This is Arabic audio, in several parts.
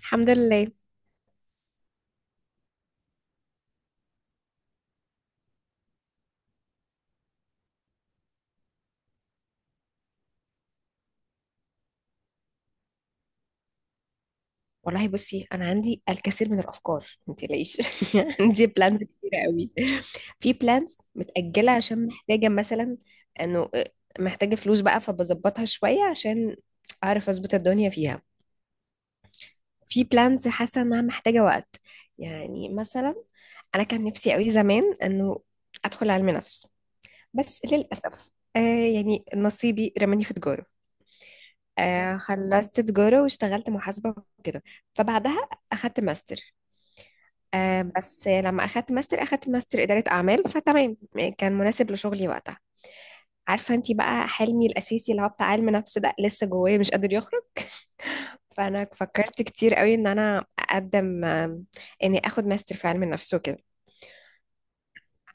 الحمد لله. والله بصي، انا عندي الكثير من الافكار، ما تقلقيش. عندي بلانز كتيره قوي. في بلانز متاجله عشان محتاجه مثلا انه محتاجه فلوس بقى، فبظبطها شويه عشان اعرف اظبط الدنيا فيها. في بلانز حاسه انها محتاجه وقت. يعني مثلا انا كان نفسي قوي زمان انه ادخل علم نفس، بس للاسف. آه يعني نصيبي رماني في تجاره. خلصت تجارة، واشتغلت محاسبة وكده، فبعدها أخدت ماستر. بس لما أخدت ماستر، أخدت ماستر إدارة أعمال، فتمام كان مناسب لشغلي وقتها. عارفة انتي بقى، حلمي الأساسي اللي هو بتاع علم نفس ده لسه جوايا، مش قادر يخرج. فأنا فكرت كتير قوي إن أنا أقدم، إني أخد ماستر في علم النفس وكده.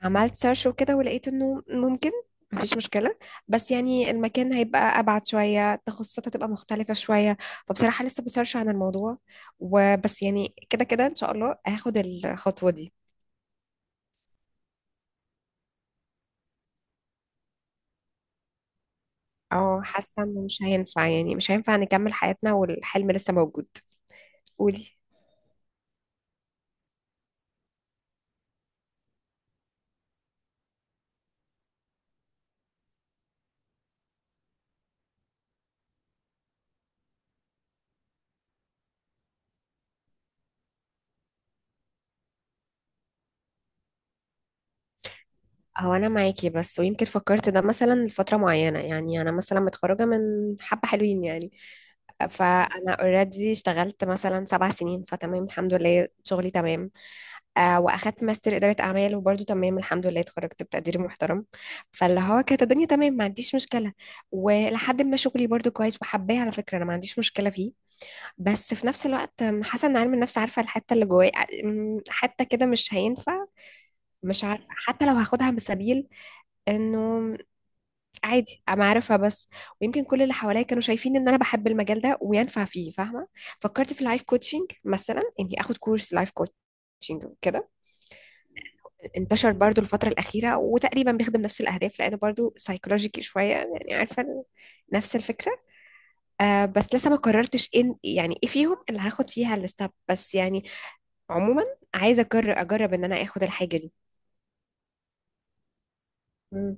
عملت سيرش وكده، ولقيت انه ممكن، مفيش مشكلة. بس يعني المكان هيبقى أبعد شوية، التخصصات هتبقى مختلفة شوية. فبصراحة لسه بسيرش عن الموضوع، وبس يعني كده كده إن شاء الله هاخد الخطوة دي. اه، حاسة إنه مش هينفع، يعني مش هينفع نكمل حياتنا والحلم لسه موجود. قولي. هو أنا معاكي، بس ويمكن فكرت ده مثلا لفترة معينة. يعني أنا مثلا متخرجة من حبة حلوين يعني. فأنا اوريدي اشتغلت مثلا 7 سنين، فتمام الحمد لله شغلي تمام. واخدت ماستر اداره اعمال، وبرده تمام الحمد لله، اتخرجت بتقدير محترم. فاللي هو كانت الدنيا تمام، ما عنديش مشكله. ولحد ما شغلي برده كويس وحباه، على فكره انا ما عنديش مشكله فيه. بس في نفس الوقت حاسه ان علم النفس، عارفه الحته اللي جوايا. حته كده مش هينفع. مش عارفه حتى لو هاخدها من سبيل، انه عادي انا عارفها بس. ويمكن كل اللي حواليا كانوا شايفين ان انا بحب المجال ده وينفع فيه، فاهمه. فكرت في اللايف كوتشنج، مثلا اني اخد كورس لايف كوتشنج كده. انتشر برضو الفترة الأخيرة، وتقريبا بيخدم نفس الأهداف لأنه برضو سايكولوجيكي شوية، يعني عارفة نفس الفكرة. بس لسه ما قررتش إن يعني إيه فيهم اللي هاخد فيها الستاب، بس يعني عموما. عايزة أجرب أجرب إن أنا آخد الحاجة دي. مم.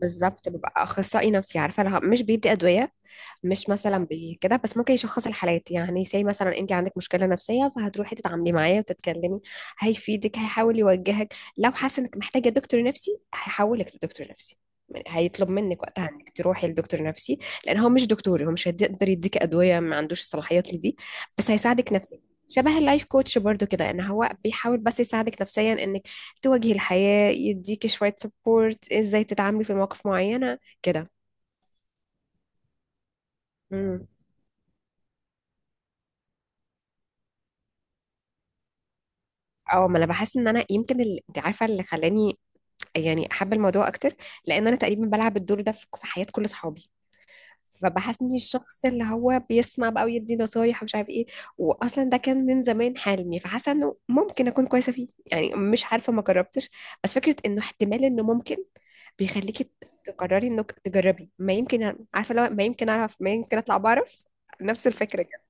بالظبط ببقى أخصائي نفسي، عارفة لها مش بيدي أدوية. مش مثلا بكده، بس ممكن يشخص الحالات، يعني زي مثلا انت عندك مشكله نفسيه فهتروحي تتعاملي معاه وتتكلمي. هيفيدك، هيحاول يوجهك، لو حاسه انك محتاجه دكتور نفسي هيحولك لدكتور نفسي. يعني هيطلب منك وقتها انك تروحي لدكتور نفسي. لان هو مش دكتور، هو مش هيقدر يديك ادويه، ما عندوش الصلاحيات لدي. بس هيساعدك نفسيا. شبه اللايف كوتش برضو كده، ان هو بيحاول بس يساعدك نفسيا، انك تواجهي الحياه، يديكي شويه سبورت ازاي تتعاملي في مواقف معينه كده. اه، ما انا بحس ان انا يمكن انت عارفه اللي خلاني يعني احب الموضوع اكتر. لان انا تقريبا بلعب الدور ده في حياه كل اصحابي. فبحس اني الشخص اللي هو بيسمع بقى، ويدي نصايح، ومش عارف ايه. واصلا ده كان من زمان حلمي، فحاسه انه ممكن اكون كويسه فيه، يعني مش عارفه ما جربتش. بس فكره انه احتمال انه ممكن بيخليكي تقرري انك تجربي، ما يمكن عارفه، لو ما يمكن اعرف ما يمكن اطلع بعرف. نفس الفكره كده.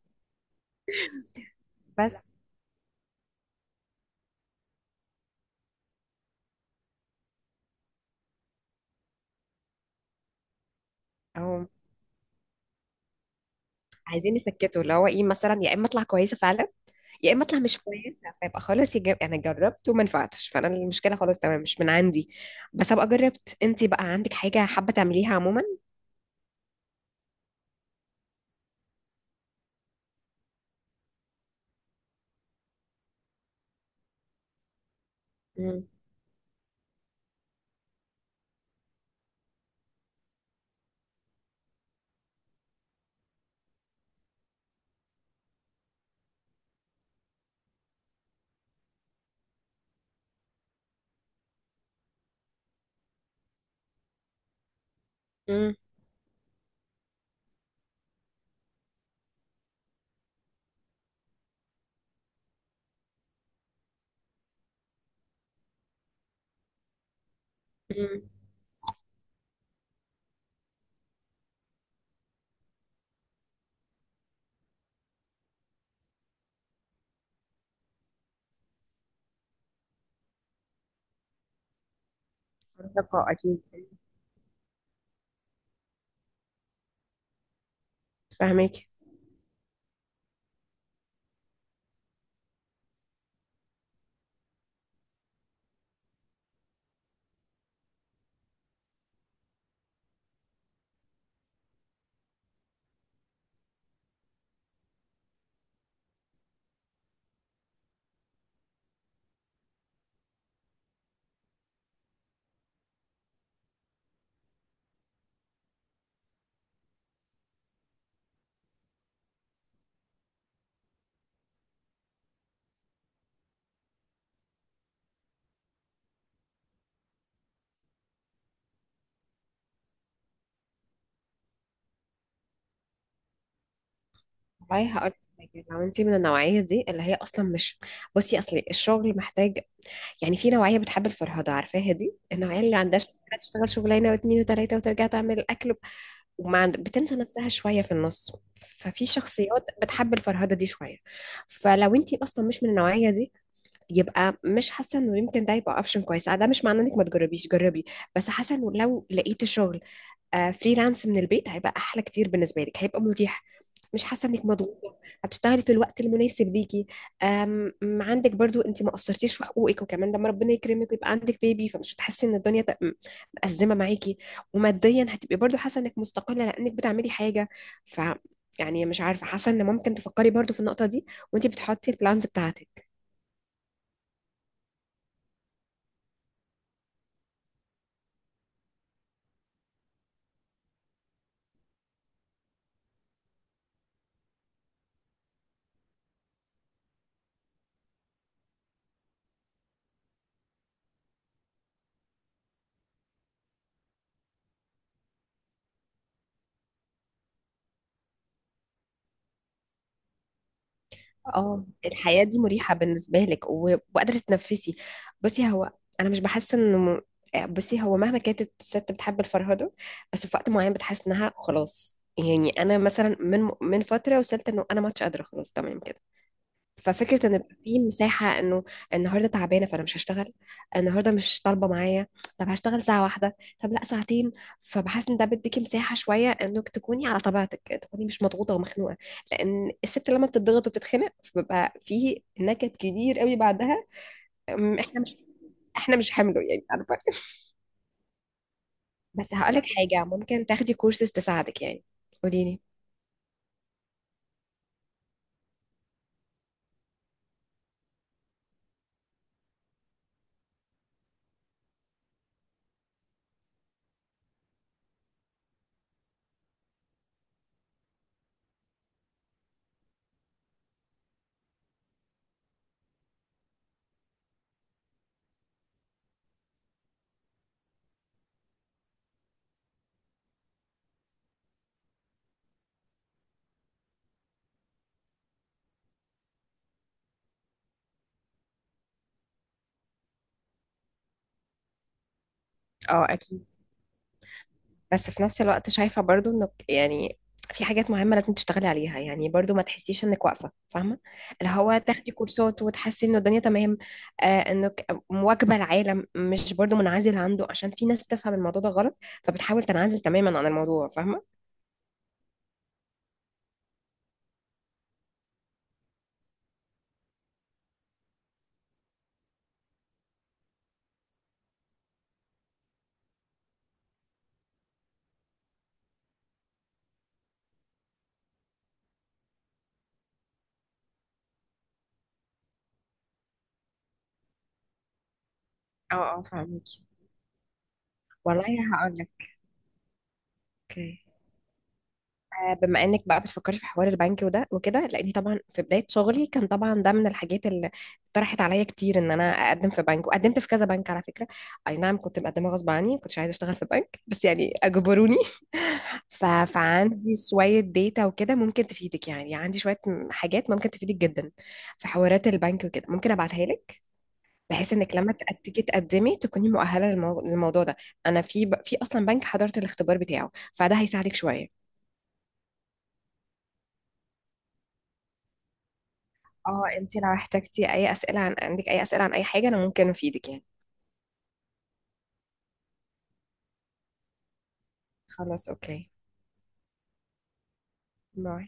بس أو عايزين يسكتوا اللي هو ايه، مثلا يا اما اطلع كويسه فعلا، يا اما اطلع مش كويسه فيبقى خلاص، انا جربت وما نفعتش، فانا المشكله خلاص تمام مش من عندي. بس ابقى جربت، انت بقى عندك حاجه حابه تعمليها عموما. امم، امم، امم. منطقه اكيد. فاهمك. والله هقول لك حاجه، لو انت من النوعيه دي اللي هي اصلا مش، بصي اصلي الشغل محتاج. يعني في نوعيه بتحب الفرهده، عارفاها دي النوعيه اللي عندها شغل، تشتغل شغلانه واثنين وثلاثه، وترجع تعمل الاكل. بتنسى نفسها شوية في النص. ففي شخصيات بتحب الفرهدة دي شوية. فلو انتي اصلا مش من النوعية دي، يبقى مش حاسة انه يمكن ده يبقى اوبشن كويس، ده مش معناه انك ما تجربيش، جربي. بس حاسة انه لو لقيتي شغل فريلانس من البيت، هيبقى احلى كتير بالنسبه لك، هيبقى مريح. مش حاسه انك مضغوطه. هتشتغلي في الوقت المناسب ليكي. أم أم عندك برضو انت ما قصرتيش في حقوقك، وكمان لما ربنا يكرمك ويبقى عندك بيبي، فمش هتحسي ان الدنيا مأزمه معاكي. وماديا هتبقي برضو حاسه انك مستقله، لانك بتعملي حاجه. ف يعني مش عارفه، حاسه ان ممكن تفكري برضو في النقطه دي وانت بتحطي البلانز بتاعتك. اه، الحياة دي مريحة بالنسبة لك وقادرة تتنفسي. بصي هو أنا مش بحس إنه بصي هو مهما كانت الست بتحب الفرهدة. بس في وقت معين بتحس إنها خلاص، يعني أنا مثلا من فترة وصلت إنه أنا ما عادش قادرة، خلاص تمام كده. ففكرة ان يبقى في مساحة انه النهاردة تعبانة فانا مش هشتغل، النهاردة مش طالبة معايا، طب هشتغل ساعة واحدة، طب لا ساعتين. فبحس ان ده بيديكي مساحة شوية انك تكوني على طبيعتك، تكوني مش مضغوطة ومخنوقة. لان الست لما بتضغط وبتتخنق، فبيبقى في نكد كبير قوي بعدها. احنا مش حمله، يعني عارفة بس هقولك حاجة، ممكن تاخدي كورسز تساعدك يعني. قوليلي. اه اكيد، بس في نفس الوقت شايفة برضو انك يعني في حاجات مهمة لازم تشتغلي عليها، يعني برضو ما تحسيش انك واقفة، فاهمة. اللي هو تاخدي كورسات وتحسي ان الدنيا تمام، انك مواكبة العالم مش برضو منعزل عنده، عشان في ناس بتفهم الموضوع ده غلط. فبتحاول تنعزل تماما عن الموضوع، فاهمة. اه، اه، فاهمك. والله هقول لك، بما انك بقى بتفكري في حوار البنك وده وكده، لاني طبعا في بدايه شغلي كان طبعا ده من الحاجات اللي طرحت عليا كتير، ان انا اقدم في بنك، وقدمت في كذا بنك على فكره. اي نعم، كنت مقدمه غصب عني، كنتش عايزه اشتغل في بنك، بس يعني اجبروني فعندي شويه ديتا وكده ممكن تفيدك، يعني عندي شويه حاجات ممكن تفيدك جدا في حوارات البنك وكده، ممكن ابعتها لك. بحيث انك لما تيجي تقدمي، تكوني مؤهله للموضوع ده. انا في اصلا بنك حضرت الاختبار بتاعه، فده هيساعدك شويه. اه، انتي لو احتجتي اي اسئلة عن عندك اي اسئلة عن اي حاجة، انا ممكن افيدك يعني. خلاص اوكي، باي.